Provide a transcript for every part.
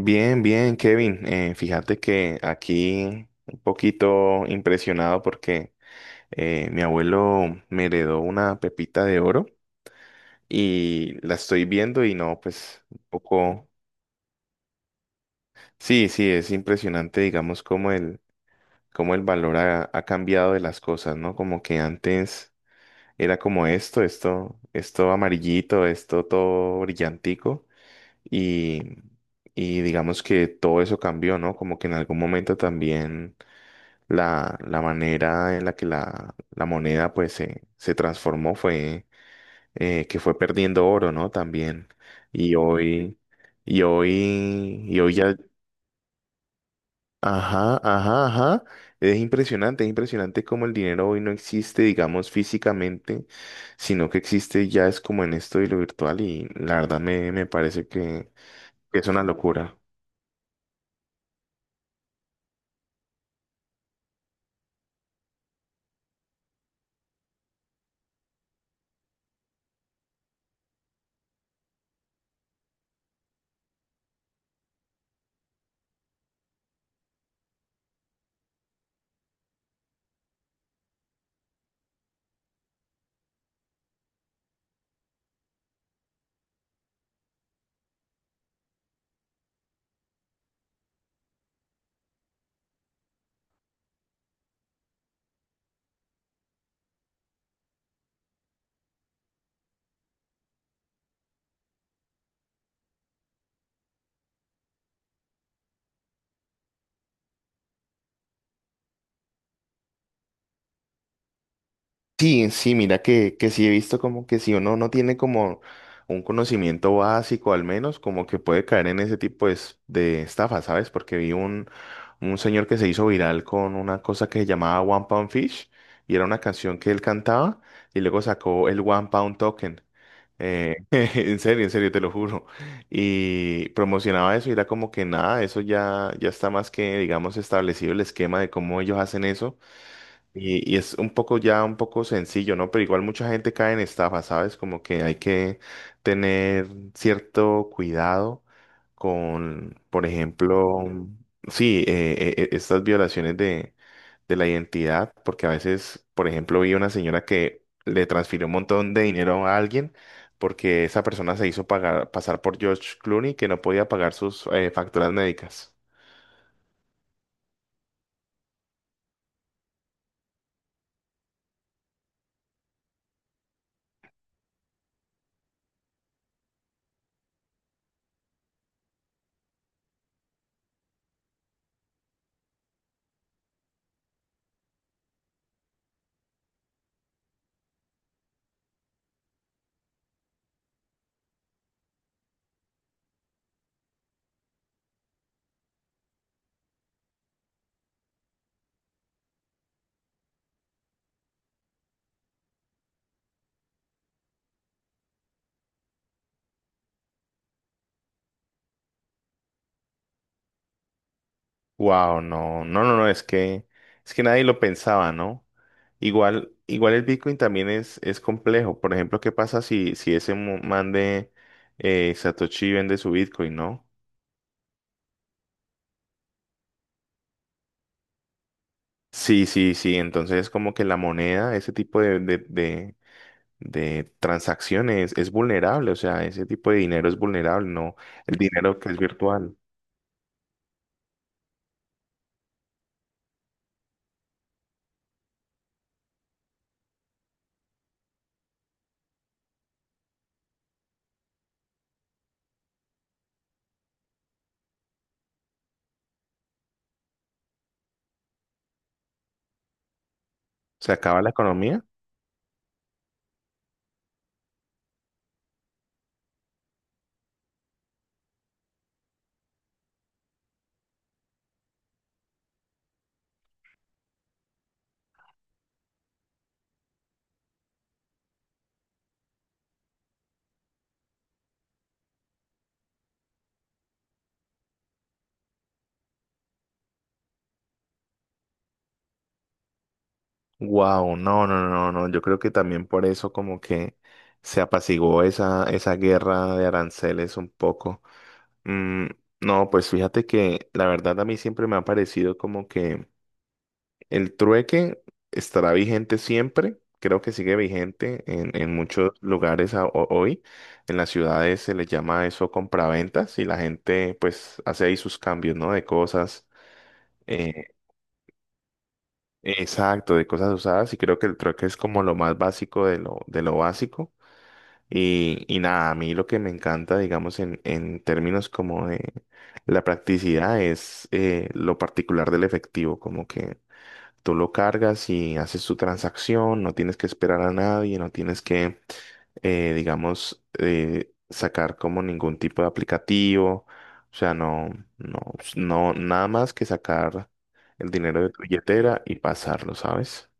Bien, bien, Kevin. Fíjate que aquí un poquito impresionado porque mi abuelo me heredó una pepita de oro y la estoy viendo y no, pues un poco. Sí, sí, es impresionante, digamos, cómo el valor ha cambiado de las cosas, ¿no? Como que antes era como esto amarillito, esto todo brillantico y, y digamos que todo eso cambió, ¿no? Como que en algún momento también la manera en la que la moneda pues se transformó fue que fue perdiendo oro, ¿no? También. Y hoy, y hoy ya, ajá, ajá, ajá. Es impresionante cómo el dinero hoy no existe, digamos, físicamente, sino que existe ya es como en esto y lo virtual y la verdad me parece que es una locura. Sí, sí, mira que sí he visto como que si uno no tiene como un conocimiento básico al menos, como que puede caer en ese tipo de, de estafa, ¿sabes? Porque un señor que se hizo viral con una cosa que se llamaba One Pound Fish y era una canción que él cantaba y luego sacó el One Pound Token. En serio, en serio, te lo juro. Y promocionaba eso y era como que nada, eso ya, ya está más que, digamos, establecido el esquema de cómo ellos hacen eso. Y es un poco ya un poco sencillo, ¿no? Pero igual mucha gente cae en estafa, ¿sabes? Como que hay que tener cierto cuidado con, por ejemplo, sí, estas violaciones de la identidad, porque a veces, por ejemplo, vi una señora que le transfirió un montón de dinero a alguien porque esa persona se hizo pagar, pasar por George Clooney que no podía pagar sus facturas médicas. Wow, no, no, no, no, es que nadie lo pensaba, ¿no? Igual, igual el Bitcoin también es complejo. Por ejemplo, ¿qué pasa si ese man de Satoshi vende su Bitcoin, ¿no? Sí, sí, sí. Entonces, como que la moneda, ese tipo de transacciones es vulnerable. O sea, ese tipo de dinero es vulnerable, ¿no? El dinero que es virtual. ¿Se acaba la economía? Wow, no, no, no, no, yo creo que también por eso como que se apaciguó esa, esa guerra de aranceles un poco. Mm, no, pues fíjate que la verdad a mí siempre me ha parecido como que el trueque estará vigente siempre, creo que sigue vigente en muchos lugares hoy, en las ciudades se les llama eso compraventas y la gente pues hace ahí sus cambios, ¿no? De cosas. eh, Exacto, de cosas usadas y creo que el trueque es como lo más básico de lo básico. Y nada, a mí lo que me encanta, digamos, en términos como de la practicidad es lo particular del efectivo, como que tú lo cargas y haces tu transacción, no tienes que esperar a nadie, no tienes que, digamos, sacar como ningún tipo de aplicativo, o sea, no, no, nada más que sacar el dinero de tu billetera y pasarlo, ¿sabes?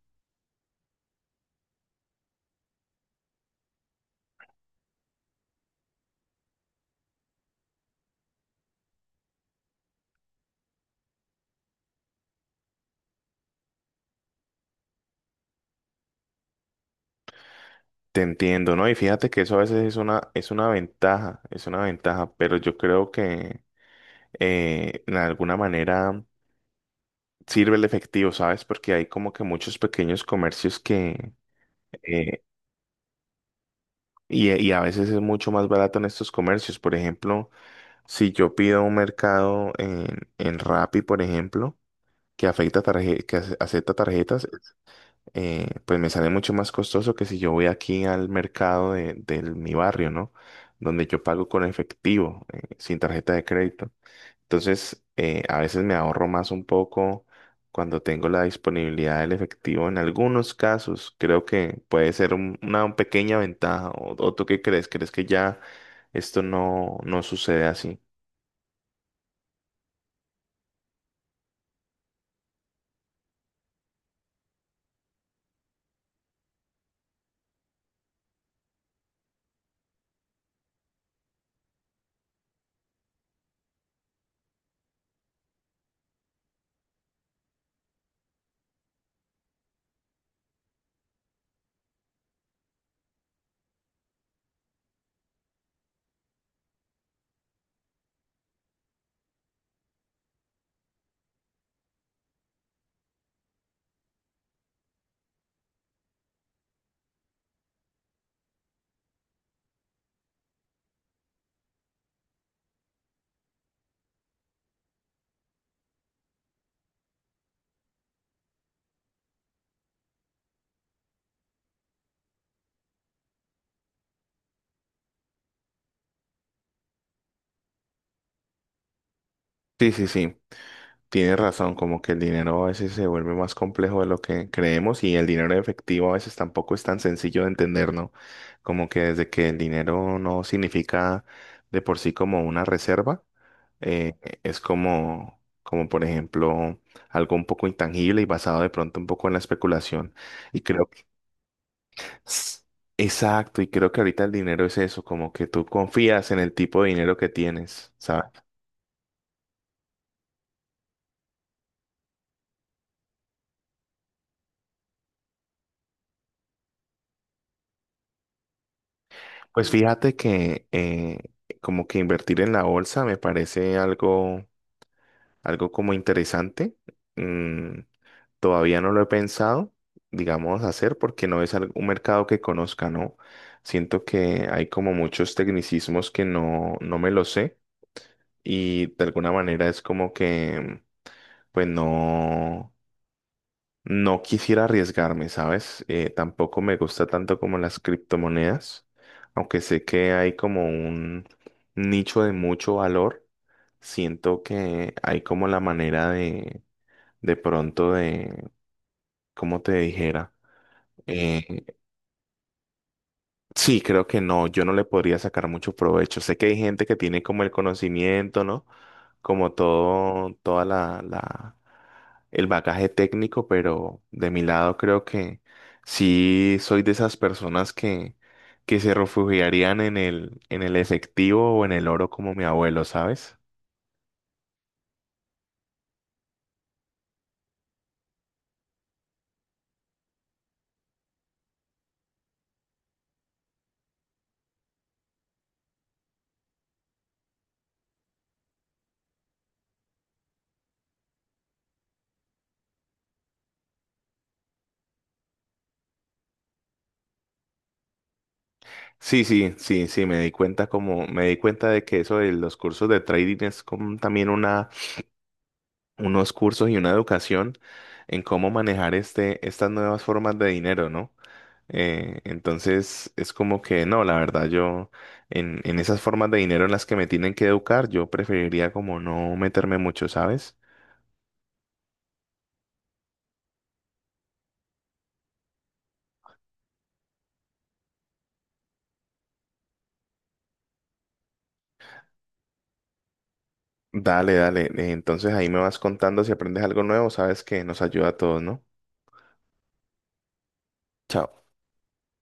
Te entiendo, ¿no? Y fíjate que eso a veces es es una ventaja, pero yo creo que de alguna manera sirve el efectivo, ¿sabes? Porque hay como que muchos pequeños comercios que. eh, y a veces es mucho más barato en estos comercios. Por ejemplo, si yo pido un mercado en Rappi, por ejemplo, que afecta tarje- que ace- acepta tarjetas, pues me sale mucho más costoso que si yo voy aquí al mercado de mi barrio, ¿no? Donde yo pago con efectivo, sin tarjeta de crédito. Entonces, a veces me ahorro más un poco cuando tengo la disponibilidad del efectivo. En algunos casos, creo que puede ser una pequeña ventaja. O tú qué crees? ¿Crees que ya esto no, no sucede así? Sí, sí, sí. Tienes razón, como que el dinero a veces se vuelve más complejo de lo que creemos y el dinero en efectivo a veces tampoco es tan sencillo de entender, ¿no? Como que desde que el dinero no significa de por sí como una reserva, eh, es como, como por ejemplo algo un poco intangible y basado de pronto un poco en la especulación. Y creo que. s- Exacto, y creo que ahorita el dinero es eso, como que tú confías en el tipo de dinero que tienes, ¿sabes? Pues fíjate que como que invertir en la bolsa me parece algo, algo como interesante. Mm, todavía no lo he pensado, digamos, hacer porque no es un mercado que conozca, ¿no? Siento que hay como muchos tecnicismos que no, no me lo sé y de alguna manera es como que, pues no. No quisiera arriesgarme, ¿sabes? Tampoco me gusta tanto como las criptomonedas, aunque sé que hay como un nicho de mucho valor. Siento que hay como la manera de pronto de, ¿cómo te dijera? Eh, Sí, creo que no, yo no le podría sacar mucho provecho. Sé que hay gente que tiene como el conocimiento, ¿no? Como todo, toda la, el bagaje técnico, pero de mi lado creo que sí soy de esas personas que se refugiarían en el efectivo o en el oro como mi abuelo, ¿sabes? Sí, sí, sí, sí, me di cuenta como, me di cuenta de que eso de los cursos de trading es como también una unos cursos y una educación en cómo manejar este, estas nuevas formas de dinero, ¿no? Entonces es como que no, la verdad yo en esas formas de dinero en las que me tienen que educar, yo preferiría como no meterme mucho, ¿sabes? Dale, dale. Entonces ahí me vas contando si aprendes algo nuevo, sabes que nos ayuda a todos, ¿no? Chao.